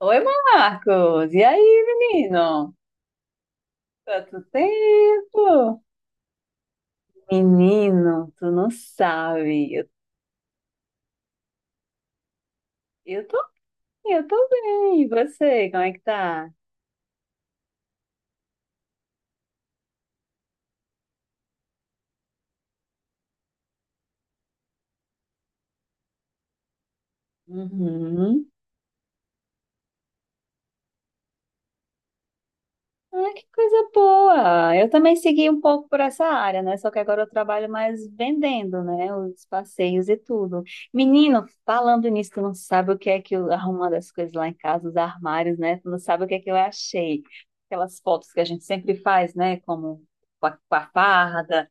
Oi, Marcos. E aí, menino? Quanto tempo? Menino, tu não sabe. Eu tô, eu tô bem. E você, como é que tá? Uhum. Ah, que coisa boa! Eu também segui um pouco por essa área, né? Só que agora eu trabalho mais vendendo, né? Os passeios e tudo. Menino, falando nisso, tu não sabe o que é que eu arrumando as coisas lá em casa, os armários, né? Tu não sabe o que é que eu achei. Aquelas fotos que a gente sempre faz, né? Como com a farda.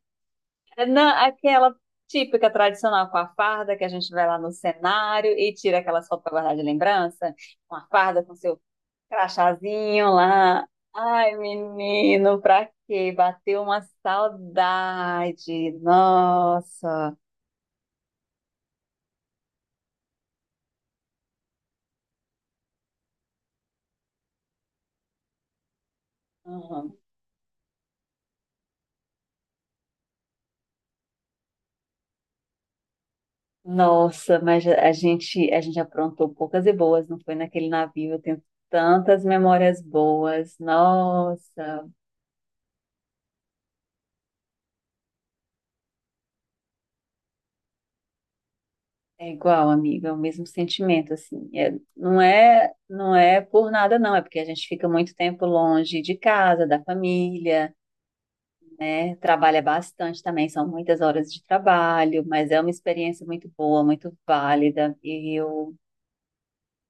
É. Não, aquela típica tradicional com a farda que a gente vai lá no cenário e tira aquelas fotos para guardar de lembrança. Com a farda, com seu crachazinho lá. Ai, menino, pra quê? Bateu uma saudade. Nossa. Uhum. Nossa, mas a gente aprontou poucas e boas, não foi naquele navio. Eu tenho tantas memórias boas. Nossa. É igual, amiga, é o mesmo sentimento, assim. É, não é por nada, não. É porque a gente fica muito tempo longe de casa, da família, né? Trabalha bastante também, são muitas horas de trabalho, mas é uma experiência muito boa, muito válida, e eu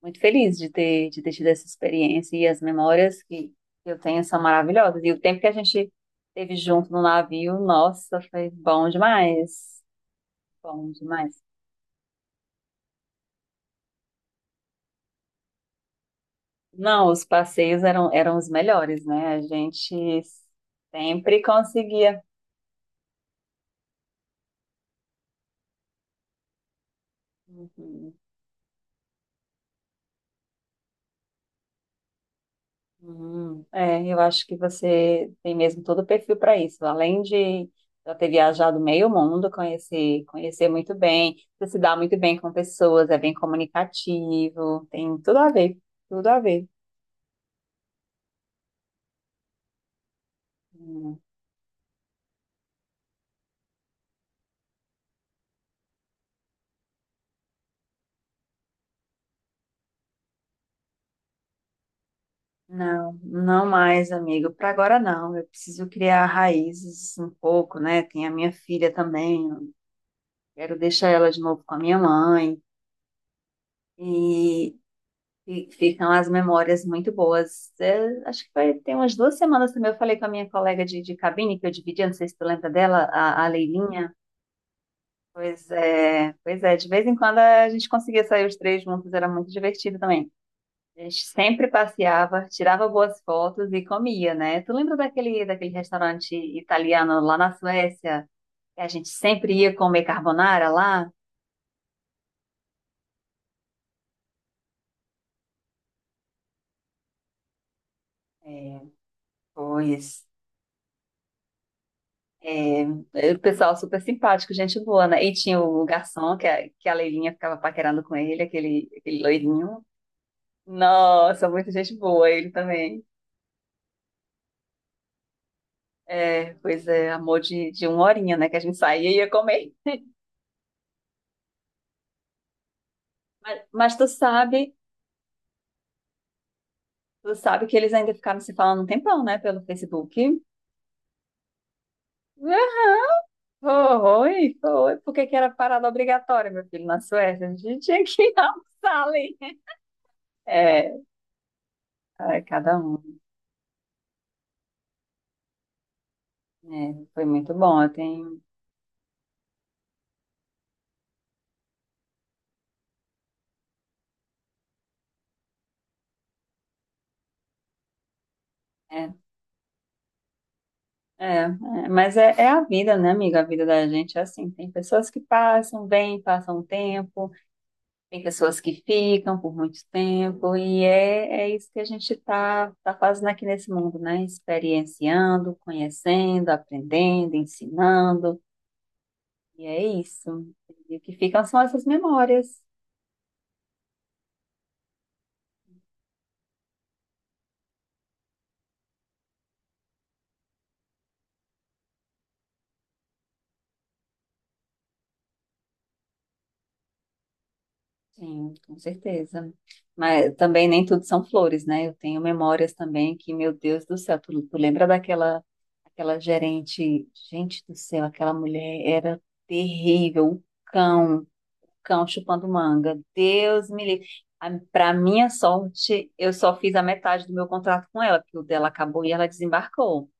muito feliz de ter tido essa experiência, e as memórias que eu tenho são maravilhosas, e o tempo que a gente teve junto no navio, nossa, foi bom demais, bom demais. Não, os passeios eram os melhores, né? A gente sempre conseguia. Uhum. É, eu acho que você tem mesmo todo o perfil para isso. Além de já ter viajado meio mundo, conhecer muito bem, você se dá muito bem com pessoas, é bem comunicativo, tem tudo a ver, tudo a ver. Hum. Não, não mais, amigo. Para agora não. Eu preciso criar raízes um pouco, né? Tem a minha filha também. Eu quero deixar ela de novo com a minha mãe. E E ficam as memórias muito boas. É, acho que vai ter umas duas semanas também. Eu falei com a minha colega de cabine, que eu dividia, não sei se tu lembra dela, a Leilinha. Pois é, de vez em quando a gente conseguia sair os três juntos, era muito divertido também. A gente sempre passeava, tirava boas fotos e comia, né? Tu lembra daquele restaurante italiano lá na Suécia? Que a gente sempre ia comer carbonara lá? É, pois é. O pessoal super simpático, gente boa, né? E tinha o garçom, que a Leilinha ficava paquerando com ele, aquele loirinho. Nossa, muita gente boa, ele também. É, pois é, amor de uma horinha, né? Que a gente saía e ia comer. Mas tu sabe que eles ainda ficaram se falando um tempão, né? Pelo Facebook. Ah, foi, foi. Por que que era parada obrigatória, meu filho, na Suécia? A gente tinha que almoçar ali. É, ai, cada um. É, foi muito bom. Eu tenho. É. É, é, é a vida, né, amiga? A vida da gente é assim. Tem pessoas que passam, vêm, passam um tempo, tem pessoas que ficam por muito tempo, e é, é isso que a gente está tá tá fazendo aqui nesse mundo, né? Experienciando, conhecendo, aprendendo, ensinando, e é isso. E o que ficam são essas memórias. Sim, com certeza. Mas também nem tudo são flores, né? Eu tenho memórias também que, meu Deus do céu, tu lembra daquela aquela gerente, gente do céu, aquela mulher era terrível, o cão chupando manga. Deus me livre. Pra minha sorte, eu só fiz a metade do meu contrato com ela, porque o dela acabou e ela desembarcou.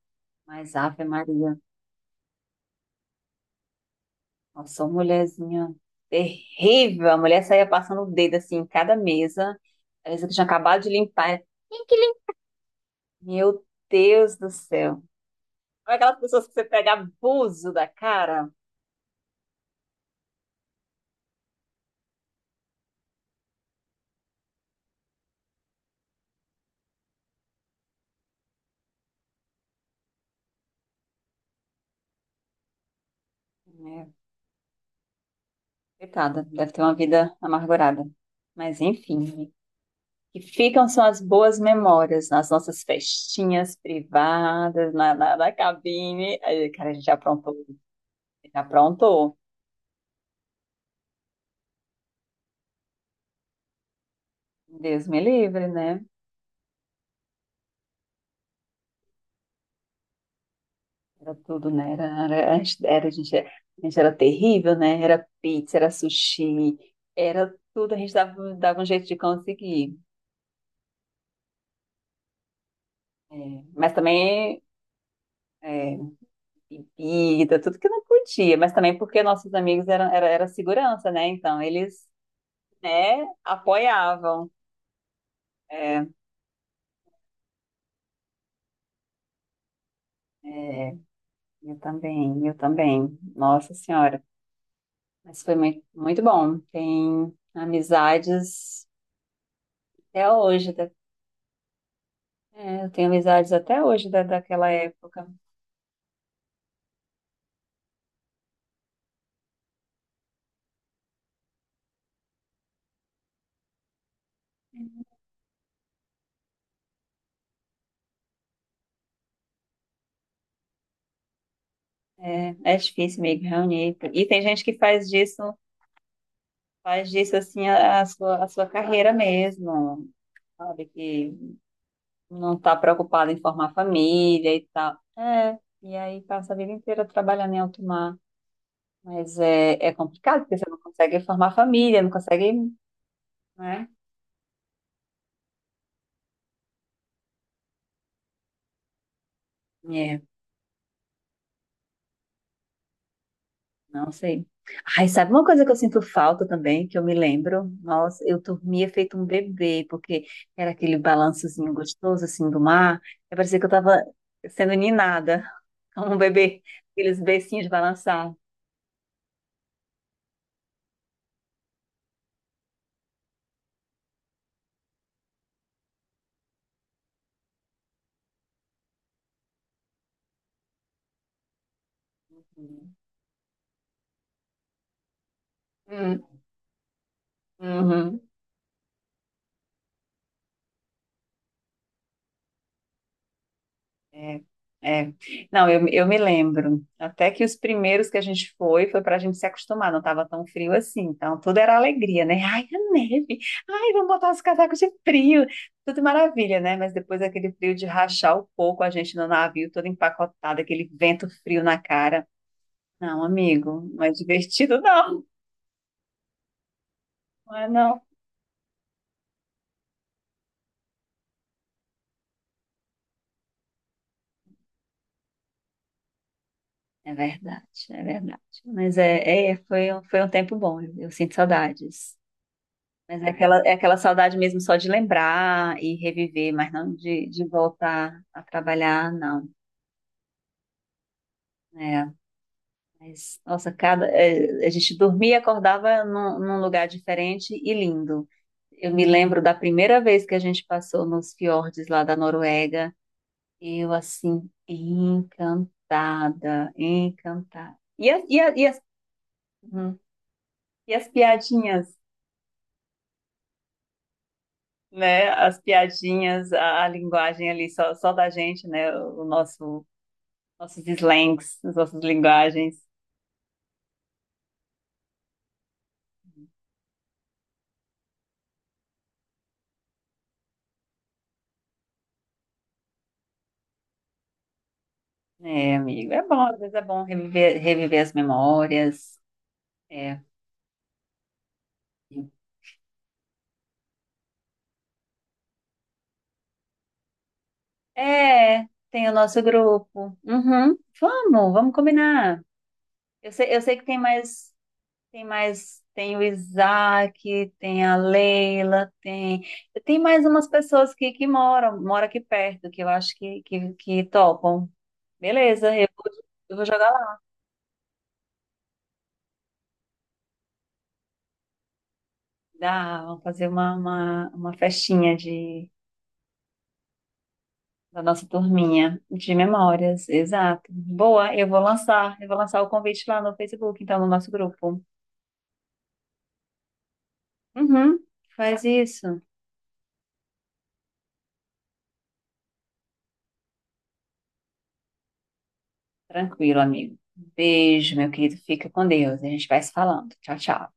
Mas Ave Maria. Nossa, uma mulherzinha terrível. A mulher saía passando o dedo assim em cada mesa. A mesa que tinha acabado de limpar. Meu Deus do céu. Olha aquelas pessoas que você pega abuso da cara. É, coitada, deve ter uma vida amargurada. Mas enfim, o que ficam são as boas memórias nas nossas festinhas privadas, na cabine. Aí, cara, a gente aprontou, a gente aprontou. Deus me livre, né? Era tudo, né? Era, era, a gente era, a gente era, a gente era terrível, né? Era pizza, era sushi, era tudo, a gente dava um jeito de conseguir. É, mas também é, bebida, tudo que não podia, mas também porque nossos amigos eram, era, era segurança, né? Então eles, né, apoiavam. É, é, eu também, eu também. Nossa Senhora. Mas foi muito, muito bom. Tem amizades até hoje. É, eu tenho amizades até hoje daquela época. É, é difícil meio que reunir. E tem gente que faz disso assim a sua carreira mesmo, sabe? Que não está preocupada em formar família e tal. É, e aí passa a vida inteira trabalhando em alto mar. Mas é, é complicado, porque você não consegue formar família, não consegue, né? Não sei. Ai, sabe uma coisa que eu sinto falta também, que eu me lembro? Nossa, eu dormia feito um bebê, porque era aquele balançozinho gostoso, assim, do mar. E parecia que eu tava sendo ninada como um bebê. Aqueles beicinhos de balançar. Hum, uhum. É, é. Não, eu me lembro. Até que os primeiros que a gente foi, foi para a gente se acostumar, não estava tão frio assim. Então, tudo era alegria, né? Ai, a neve! Ai, vamos botar os casacos de frio! Tudo maravilha, né? Mas depois aquele frio de rachar o coco, a gente no navio, todo empacotado, aquele vento frio na cara. Não, amigo, não é divertido, não. Não é, não. É verdade, é verdade. Mas foi um tempo bom, eu sinto saudades. Mas é aquela saudade mesmo só de lembrar e reviver, mas não de voltar a trabalhar, não. É, mas, nossa, cada, é, a gente dormia e acordava num lugar diferente e lindo. Eu me lembro da primeira vez que a gente passou nos fiordes lá da Noruega, eu assim, encantada, encantada. Uhum. E as piadinhas? Né, as piadinhas, a linguagem ali só, só da gente, né, o nosso nossos slangs, as nossas linguagens. É, amigo, é bom, às vezes é bom reviver, reviver as memórias. É. É, tem o nosso grupo. Uhum. Vamos, vamos combinar. Eu sei que tem mais, tem mais, tem o Isaac, tem a Leila, tem, tem mais umas pessoas que moram aqui perto, que eu acho que topam. Beleza, eu vou jogar lá. Dá, vamos fazer uma festinha de da nossa turminha de memórias, exato. Boa, eu vou lançar o convite lá no Facebook, então, no nosso grupo. Uhum, faz isso. Tranquilo, amigo. Beijo, meu querido. Fica com Deus. A gente vai se falando. Tchau, tchau.